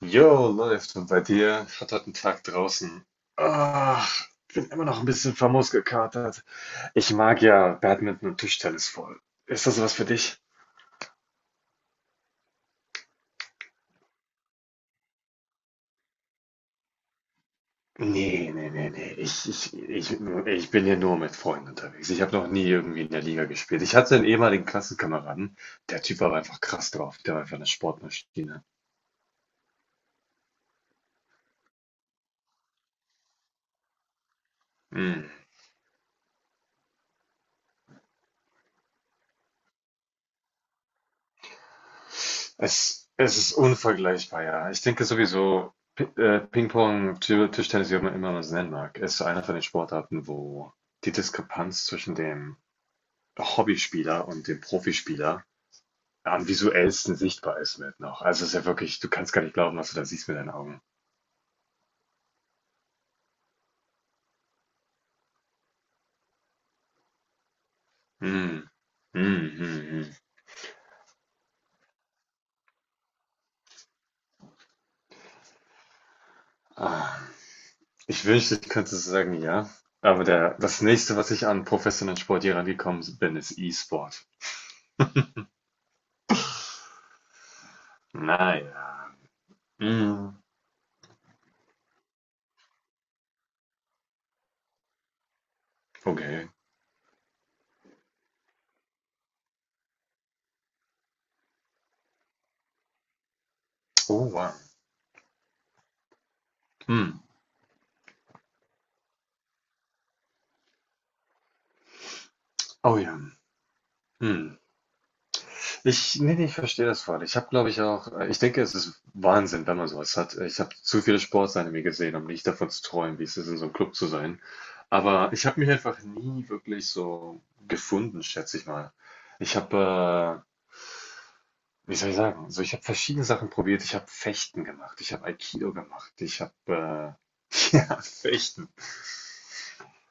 Jo, läuft. Und bei dir? Ich hatte heute einen Tag draußen. Ach, bin immer noch ein bisschen famos gekatert. Ich mag ja Badminton und Tischtennis voll. Ist das was für dich? Nee, nee, nee, nee. Ich bin hier nur mit Freunden unterwegs. Ich habe noch nie irgendwie in der Liga gespielt. Ich hatte einen ehemaligen Klassenkameraden. Der Typ war aber einfach krass drauf. Der war einfach eine Sportmaschine. Hm. Es ist unvergleichbar, ja. Ich denke sowieso, Ping-Pong, Tischtennis, wie man immer man es nennen mag, ist einer von den Sportarten, wo die Diskrepanz zwischen dem Hobbyspieler und dem Profispieler am visuellsten sichtbar ist mit noch. Also es ist ja wirklich, du kannst gar nicht glauben, was du da siehst mit deinen Augen. Mm. Mm, mm, mm. Ah. Ich wünschte, ich könnte so sagen, ja. Aber das nächste, was ich an professionellen Sport hier rangekommen bin, ist E-Sport. Naja. Mm. Okay. Oh, wow. Mhm. Oh ja. Mhm. Ich Nee, ne, ich verstehe das voll. Ich habe, glaube ich, auch ich denke, es ist Wahnsinn, wenn man so hat. Ich habe zu viele Sportsanime gesehen, um nicht davon zu träumen, wie es ist, in so einem Club zu sein. Aber ich habe mich einfach nie wirklich so gefunden, schätze ich mal. Ich habe, wie soll ich sagen? So, ich habe verschiedene Sachen probiert. Ich habe Fechten gemacht, ich habe Aikido gemacht, ich habe, ja, Fechten.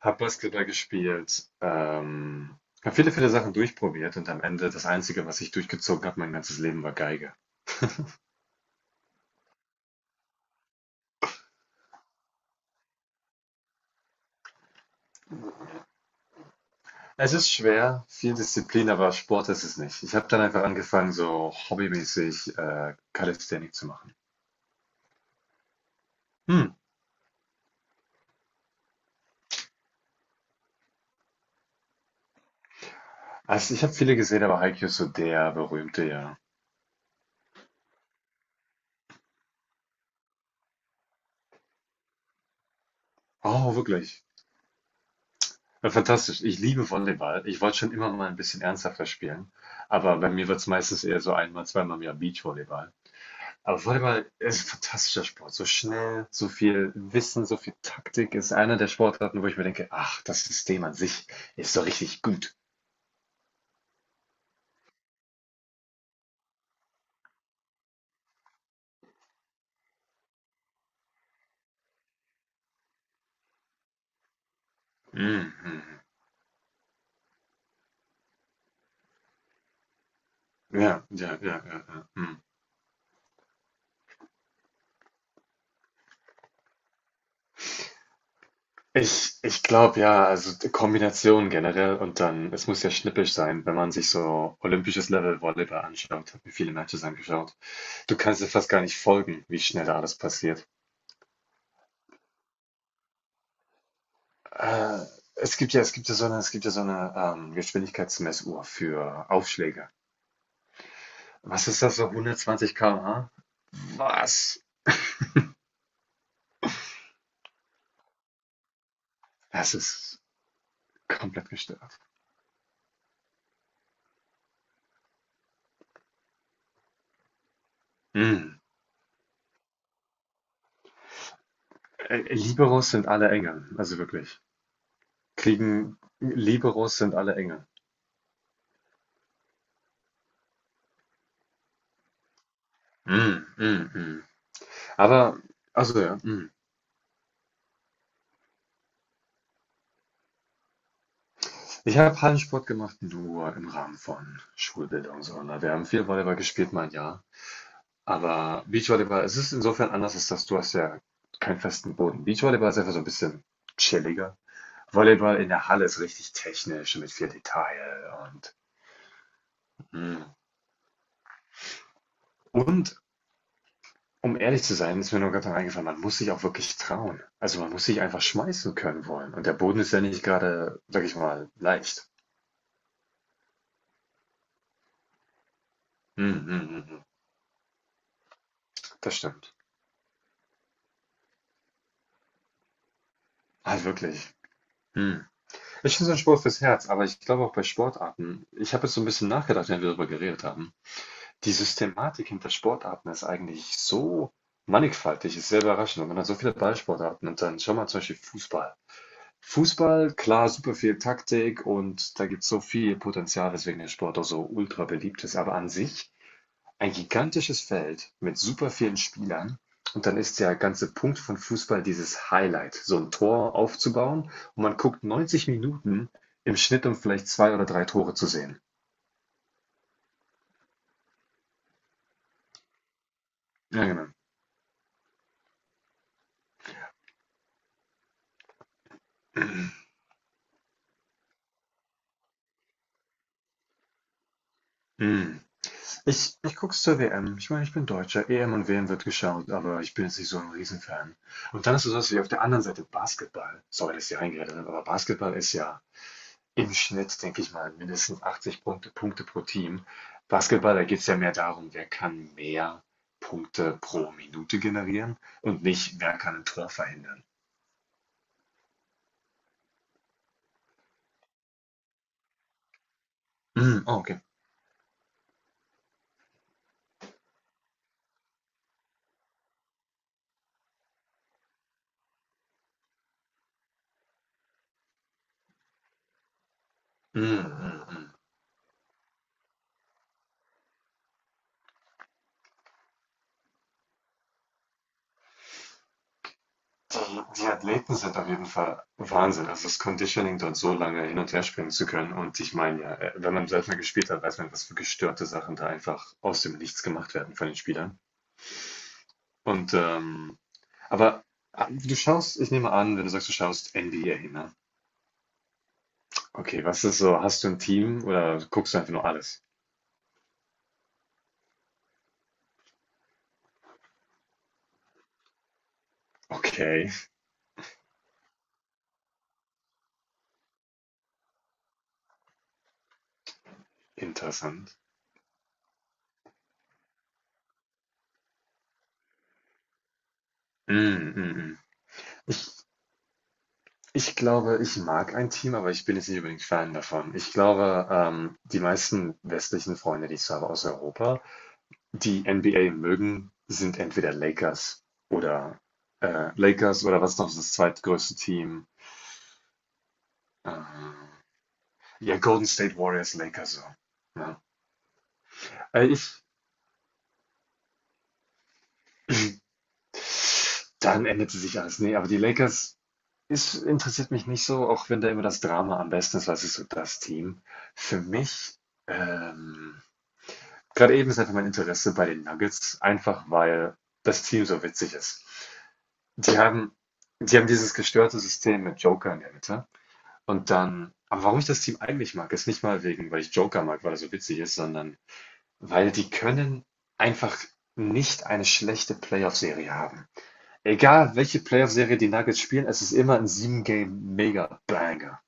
Habe Basketball gespielt, habe viele, viele Sachen durchprobiert und am Ende das Einzige, was ich durchgezogen habe, mein ganzes Leben, war Geige. Es ist schwer, viel Disziplin, aber Sport ist es nicht. Ich habe dann einfach angefangen, so hobbymäßig Calisthenics zu machen. Hm. Also ich habe viele gesehen, aber Haikyuu ist so der berühmte, ja. Oh, wirklich. Ja, fantastisch. Ich liebe Volleyball. Ich wollte schon immer mal ein bisschen ernsthafter spielen, aber bei mir wird es meistens eher so einmal, zweimal im Jahr Beachvolleyball. Aber Volleyball ist ein fantastischer Sport. So schnell, so viel Wissen, so viel Taktik ist einer der Sportarten, wo ich mir denke, ach, das System an sich ist so richtig gut. Mhm. Ja, ja, ja, ja, ja. Mhm. Ich glaube ja, also die Kombination generell und dann, es muss ja schnippisch sein, wenn man sich so olympisches Level Volleyball anschaut, habe mir viele Matches angeschaut. Du kannst dir fast gar nicht folgen, wie schnell da alles passiert. Äh, es gibt ja so eine Geschwindigkeitsmessuhr für Aufschläge. Was ist das, so 120 km/h? Was? Das ist komplett gestört. Mhm. Liberos sind alle Engel, also wirklich. Kriegen. Liberos sind alle Engel. Mhm, mhm, mhm. Aber, also ja, mhm. Ich habe Hallensport gemacht, nur im Rahmen von Schulbildung. So, ne? Wir haben viel Volleyball gespielt, mein Jahr. Aber Beachvolleyball, es ist insofern anders, als dass du hast ja keinen festen Boden. Beachvolleyball ist einfach so ein bisschen chilliger. Volleyball in der Halle ist richtig technisch mit viel Detail und Mhm. und um ehrlich zu sein, ist mir nur gerade eingefallen, man muss sich auch wirklich trauen. Also man muss sich einfach schmeißen können wollen. Und der Boden ist ja nicht gerade, sag ich mal, leicht. Hm, hm, hm, hm. Das stimmt. Also wirklich. Hm. Ich finde, so ein Sport fürs Herz, aber ich glaube auch bei Sportarten, ich habe jetzt so ein bisschen nachgedacht, wenn wir darüber geredet haben. Die Systematik hinter Sportarten ist eigentlich so mannigfaltig, ist sehr überraschend. Und man hat so viele Ballsportarten und dann schau mal zum Beispiel Fußball. Fußball, klar, super viel Taktik und da gibt es so viel Potenzial, weswegen der Sport auch so ultra beliebt ist. Aber an sich ein gigantisches Feld mit super vielen Spielern. Und dann ist der ganze Punkt von Fußball dieses Highlight, so ein Tor aufzubauen. Und man guckt 90 Minuten im Schnitt, um vielleicht zwei oder drei Tore zu sehen. Ja, genau. Mm. Ich guck's zur WM. Ich meine, ich bin Deutscher. EM und WM wird geschaut, aber ich bin jetzt nicht so ein Riesenfan. Und dann ist es so, dass ich auf der anderen Seite Basketball, sorry, dass ich reingeredet habe, aber Basketball ist ja im Schnitt, denke ich mal, mindestens 80 Punkte pro Team. Basketball, da geht's ja mehr darum, wer kann mehr Punkte pro Minute generieren und nicht, wer kann ein Tor verhindern. Mm, oh, okay. Mm, mm. Die Athleten sind auf jeden Fall Wahnsinn. Also das Conditioning, dort so lange hin und her springen zu können. Und ich meine ja, wenn man selbst mal gespielt hat, weiß man, was für gestörte Sachen da einfach aus dem Nichts gemacht werden von den Spielern. Und aber du schaust, ich nehme an, wenn du sagst, du schaust NBA, ne? Okay, was ist so? Hast du ein Team oder guckst du einfach nur alles? Okay, interessant. Mm, mm, mm. Ich glaube, ich mag ein Team, aber ich bin jetzt nicht unbedingt Fan davon. Ich glaube, die meisten westlichen Freunde, die ich so habe aus Europa, die NBA mögen, sind entweder Lakers oder Lakers oder was noch ist das zweitgrößte Team? Ähm, ja, Golden State Warriors, Lakers so. Ja. Äh, ich, dann änderte sich alles. Nee, aber die Lakers ist, interessiert mich nicht so, auch wenn da immer das Drama am besten ist, was ist so das Team. Für mich, ähm, gerade eben ist einfach mein Interesse bei den Nuggets, einfach weil das Team so witzig ist. Die haben, die haben dieses gestörte System mit Joker in der Mitte. Und dann, aber warum ich das Team eigentlich mag, ist nicht mal wegen, weil ich Joker mag, weil er so witzig ist, sondern weil die können einfach nicht eine schlechte Playoff-Serie haben. Egal, welche Playoff-Serie die Nuggets spielen, es ist immer ein 7-Game-Mega-Banger.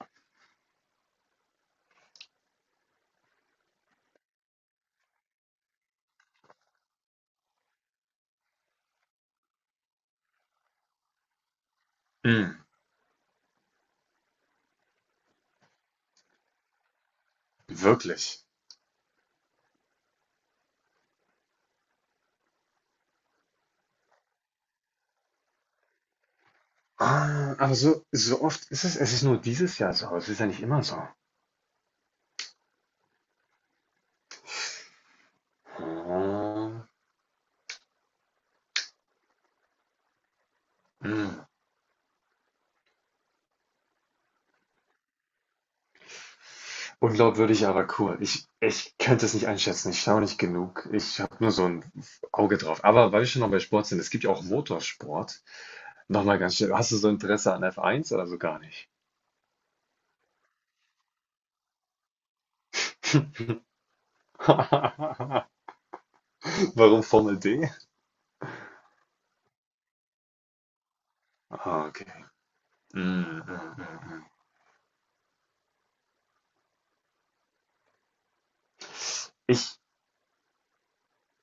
Mm, wirklich. Ah, aber so, oft ist es, ist nur dieses Jahr so, es ist ja nicht immer so. Ah. Hm. Unglaubwürdig, aber cool. Ich könnte es nicht einschätzen. Ich schaue nicht genug. Ich habe nur so ein Auge drauf. Aber weil wir schon noch bei Sport sind, es gibt ja auch Motorsport. Nochmal ganz schnell. Hast du so Interesse an F1 oder so gar nicht? Warum Formel D? Ah, okay. Mm, mm, mm, mm. Ich,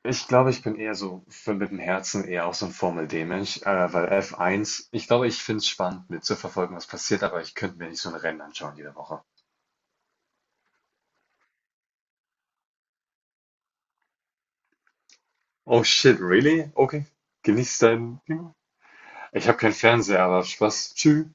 ich glaube, ich bin eher so für, mit dem Herzen eher auch so ein Formel D-Mensch, weil F1, ich glaube, ich finde es spannend mitzuverfolgen, was passiert, aber ich könnte mir nicht so ein Rennen anschauen jede Woche. Oh shit, really? Okay. Genieß dein Ding. Ich habe keinen Fernseher, aber Spaß. Tschüss.